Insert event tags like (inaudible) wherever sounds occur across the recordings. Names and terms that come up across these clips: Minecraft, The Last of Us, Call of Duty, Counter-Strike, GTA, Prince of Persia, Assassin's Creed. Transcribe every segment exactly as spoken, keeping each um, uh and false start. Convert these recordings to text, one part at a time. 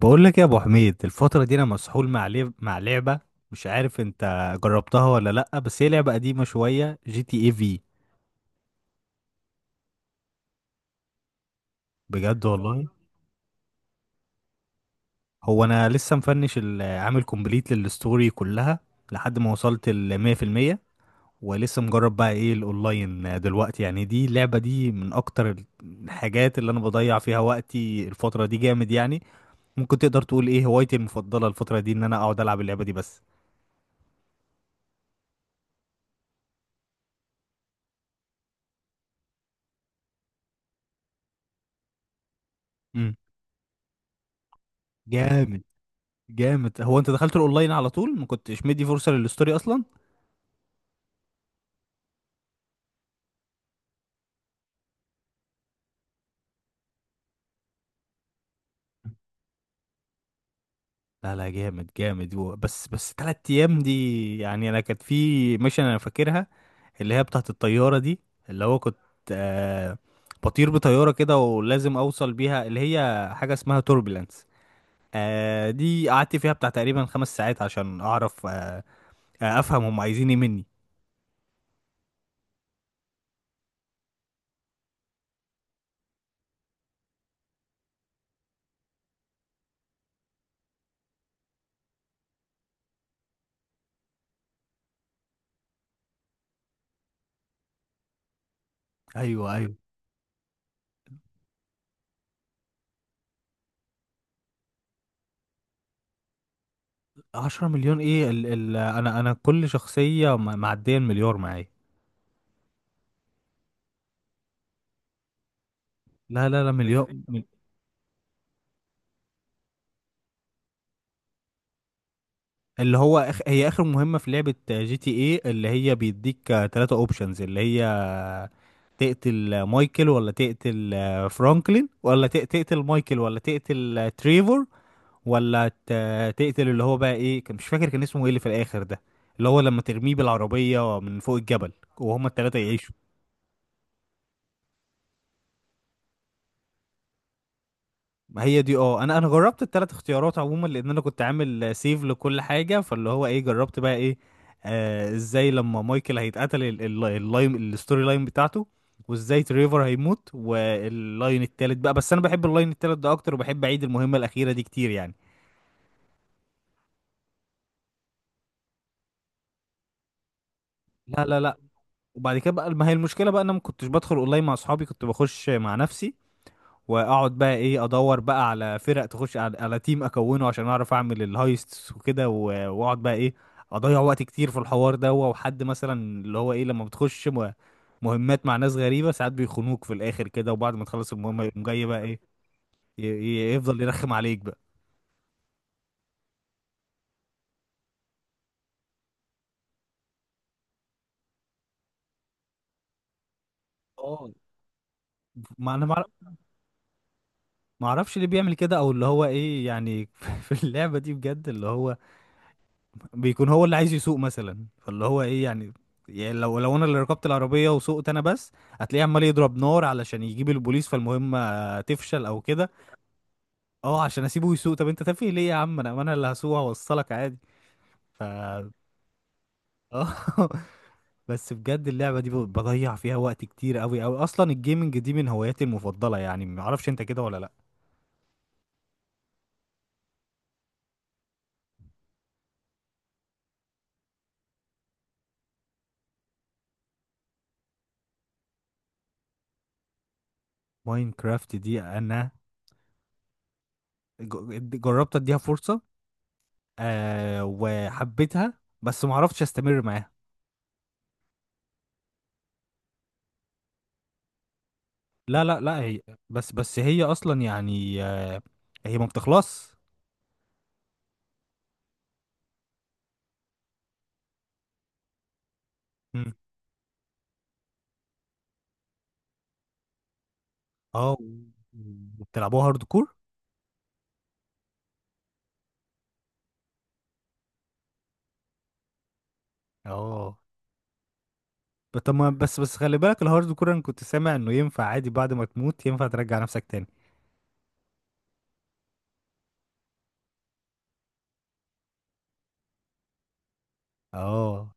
بقول لك يا ابو حميد، الفتره دي انا مسحول مع لعب مع لعبه. مش عارف انت جربتها ولا لا، بس هي لعبه قديمه شويه، جي تي اي في. بجد والله. هو انا لسه مفنش ال- عامل كومبليت للستوري كلها لحد ما وصلت ل ميه في الميه. ولسه مجرب بقى ايه الاونلاين دلوقتي، يعني دي اللعبه دي من اكتر الحاجات اللي انا بضيع فيها وقتي الفتره دي، جامد يعني. ممكن تقدر تقول ايه هوايتي المفضله الفتره دي ان انا اقعد العب اللعبه دي بس. امم. جامد جامد. هو انت دخلت الاونلاين على طول؟ ما كنتش مدي فرصه للستوري اصلا؟ لا لا، جامد جامد، و- بس بس تلات ايام دي يعني؟ انا كانت في ميشن انا فاكرها، اللي هي بتاعت الطياره دي، اللي هو كنت، آه بطير بطياره كده ولازم اوصل بيها، اللي هي حاجه اسمها توربulence. آه دي قعدت فيها بتاع تقريبا خمس ساعات عشان اعرف، آه آه افهم هم عايزين ايه مني. ايوه ايوه. عشرة مليون ايه؟ ال ال انا انا كل شخصيه م- معديه المليار معايا. لا لا لا، مليار. اللي هو أخ... هي اخر مهمة في لعبة جي تي ايه، اللي هي بيديك آه، تلاتة اوبشنز، اللي هي تقتل آه، مايكل ولا تقتل آه، فرانكلين، ولا ت- تقتل مايكل، ولا تقتل آه، تريفور، ولا ت... تقتل اللي هو بقى ايه، كان مش فاكر كان اسمه ايه اللي في الاخر ده، اللي هو لما ترميه بالعربية من فوق الجبل وهما التلاتة يعيشوا. ما هي دي. اه انا انا جربت الثلاث اختيارات عموما، لان انا كنت عامل سيف لكل حاجه، فاللي هو ايه جربت بقى ايه، آه ازاي لما مايكل هيتقتل ال- ال- اللاين الستوري لاين بتاعته، وازاي تريفر هيموت واللاين التالت بقى. بس انا بحب اللاين التالت ده اكتر وبحب اعيد المهمه الاخيره دي كتير يعني. لا لا لا. وبعد كده بقى، ما هي المشكله بقى انا ما كنتش بدخل اونلاين مع اصحابي، كنت بخش مع نفسي واقعد بقى ايه، ادور بقى على فرق تخش على, على تيم اكونه عشان اعرف اعمل الهايستس وكده، و- واقعد بقى ايه، اضيع وقت كتير في الحوار ده. وحد مثلا، اللي هو ايه، لما بتخش م- مهمات مع ناس غريبة ساعات بيخونوك في الاخر كده، وبعد ما تخلص المهمة يقوم جاي بقى ايه، ي- ي- يفضل يرخم عليك بقى. اه. ما انا ما أعرف- ما اعرفش ليه بيعمل كده، او اللي هو ايه يعني، (laughs) في اللعبة دي بجد اللي هو بيكون هو اللي عايز يسوق مثلا، فاللي هو ايه يعني، يعني لو لو انا اللي ركبت العربيه وسوقت انا بس، هتلاقيه عمال يضرب نار علشان يجيب البوليس، فالمهمه تفشل او كده. اه، عشان اسيبه يسوق. طب انت تافه ليه يا عم؟ انا انا اللي هسوق، هوصلك عادي. ف اه (laughs) بس بجد اللعبه دي ب- بضيع فيها وقت كتير قوي قوي. اصلا الجيمنج دي من هواياتي المفضله، يعني ما اعرفش انت كده ولا لا. ماينكرافت دي انا ج- جربت اديها فرصه، آه وحبيتها. بس ما عرفتش استمر معاها. لا لا لا، هي بس بس هي اصلا يعني، آه، هي ما بتخلص. مم. اه. بتلعبوها هارد كور؟ اه، ب- طب ما- بس بس خلي بالك الهارد كور انا كنت سامع انه ينفع عادي، بعد ما تموت ينفع ترجع نفسك تاني. اه،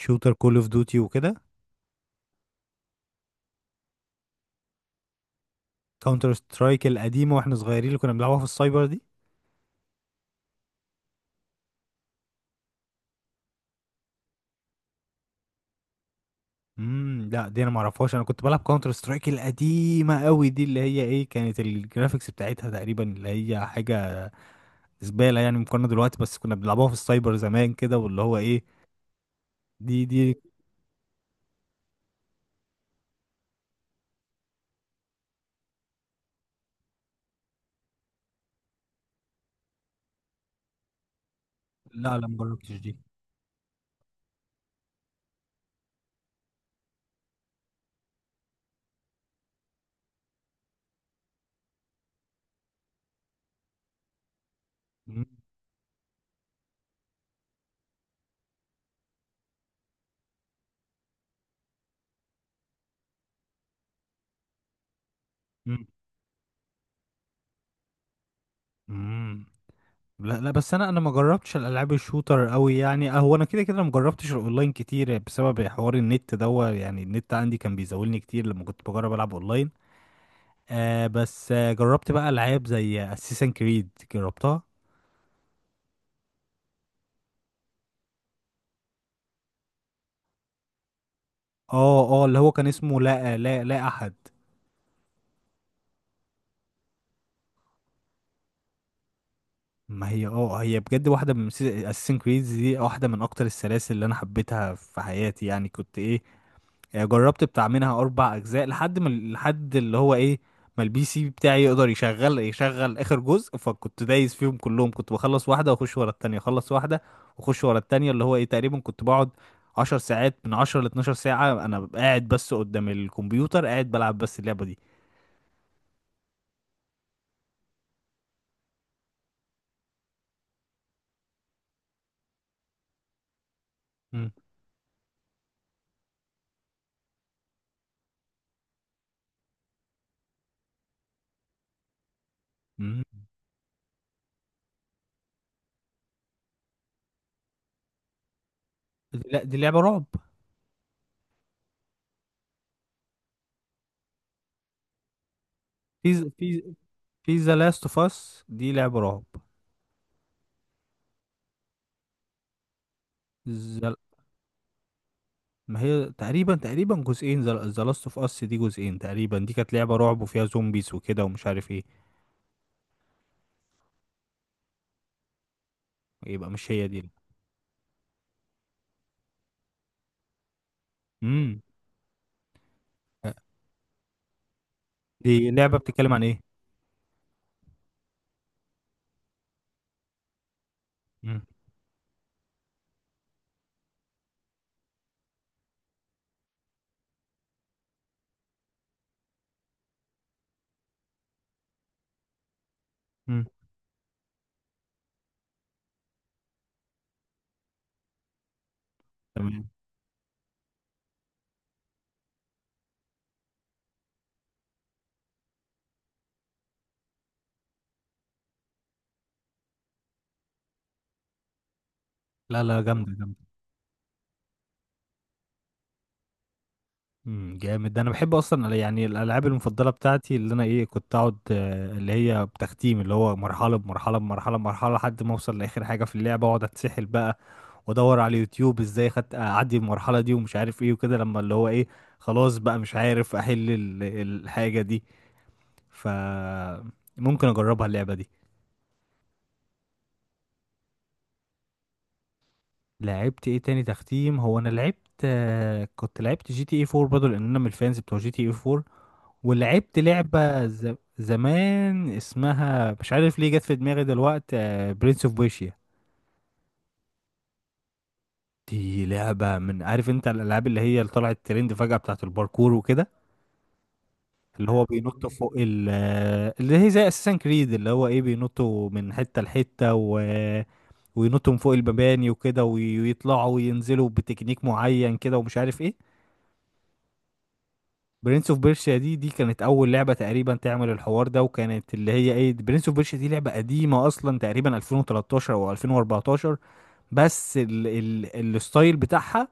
شوتر، كول اوف ديوتي وكده؟ كاونتر سترايك القديمه واحنا صغيرين، اللي كنا بنلعبها في السايبر دي؟ امم، لا، دي انا ما اعرفهاش. انا كنت بلعب كاونتر سترايك القديمه قوي دي، اللي هي ايه، كانت الجرافيكس بتاعتها تقريبا اللي هي حاجه زباله يعني مقارنه دلوقتي، بس كنا بنلعبوها في السايبر زمان كده. واللي هو ايه دي دي. لا لا، ما جربتش دي. مم، مم، مم. لا لا، بس انا انا ما جربتش الالعاب الشوتر قوي يعني. هو انا كده كده ما جربتش الاونلاين كتير بسبب حوار النت دوا يعني، النت عندي كان بيزولني كتير لما كنت بجرب العب اونلاين. آه بس آه جربت بقى العاب زي اساسن كريد، جربتها. اه اه، اللي هو كان اسمه لا لا لا احد. ما هي اه هي بجد واحدة من اساسن كريد دي، واحدة من اكتر السلاسل اللي انا حبيتها في حياتي، يعني كنت ايه، يعني جربت بتاع منها اربع اجزاء لحد ما لحد اللي هو ايه ما البي سي بتاعي يقدر يشغل يشغل اخر جزء. فكنت دايس فيهم كلهم، كنت بخلص واحدة واخش ورا التانية، اخلص واحدة واخش ورا التانية. اللي هو ايه، تقريبا كنت بقعد عشر ساعات، من عشرة لاتناشر ساعة، انا قاعد بس قدام الكمبيوتر قاعد بلعب بس اللعبة دي. مم. مم. لا، دي لعبة رعب. في في في ذا لاست اوف اس دي لعبة رعب. The- ما هي تقريبا تقريبا جزئين، ذا لاست اوف اس دي جزئين تقريبا، دي كانت لعبة رعب وفيها زومبيز وكده ومش عارف ايه. يبقى مش هي دي. امم دي لعبة بتتكلم عن ايه؟ امم. امم. تمام. لا لا، جامدة جامدة. امم، جامد ده. انا بحب اصلا يعني الالعاب المفضلة بتاعتي، اللي انا ايه كنت اقعد، آه، اللي هي بتختيم، اللي هو مرحلة بمرحلة بمرحلة بمرحلة لحد ما اوصل لاخر حاجة في اللعبة واقعد اتسحل بقى. وادور على اليوتيوب ازاي خدت اعدي المرحله دي ومش عارف ايه وكده، لما اللي هو ايه خلاص بقى مش عارف احل ال- الحاجه دي. ف ممكن اجربها اللعبه دي. لعبت ايه تاني تختيم؟ هو انا لعبت، آه، كنت لعبت جي تي اي فور برضه لان انا من الفانز بتوع جي تي اي فور. ولعبت لعبه ز... زمان اسمها مش عارف ليه جت في دماغي دلوقتي، برنس اوف بيشيا. دي لعبه، من عارف انت الالعاب اللي هي اللي طلعت ترند فجاه بتاعت الباركور وكده، اللي هو بينط فوق ال اللي هي زي اساسن كريد، اللي هو ايه بينطوا من حته لحته و... وينطوا من فوق المباني وكده وي- ويطلعوا وينزلوا بتكنيك معين كده ومش عارف ايه. برنس اوف بيرشيا دي دي كانت اول لعبه تقريبا تعمل الحوار ده، وكانت اللي هي ايه، برنس اوف بيرشيا دي لعبه قديمه اصلا تقريبا الفين وتلاتاشر او الفين واربعتاشر. بس ال... ال... الستايل بتاعها،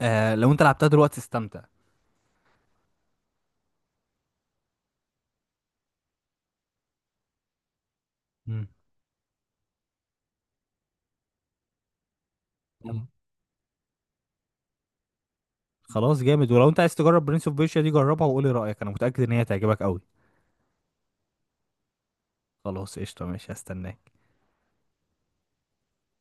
آه لو انت لعبتها دلوقتي استمتع. مم. خلاص جامد. ولو انت عايز تجرب برنس اوف بيرشيا دي جربها وقولي رأيك، انا متأكد ان هي تعجبك قوي. خلاص قشطة، ماشي، هستناك.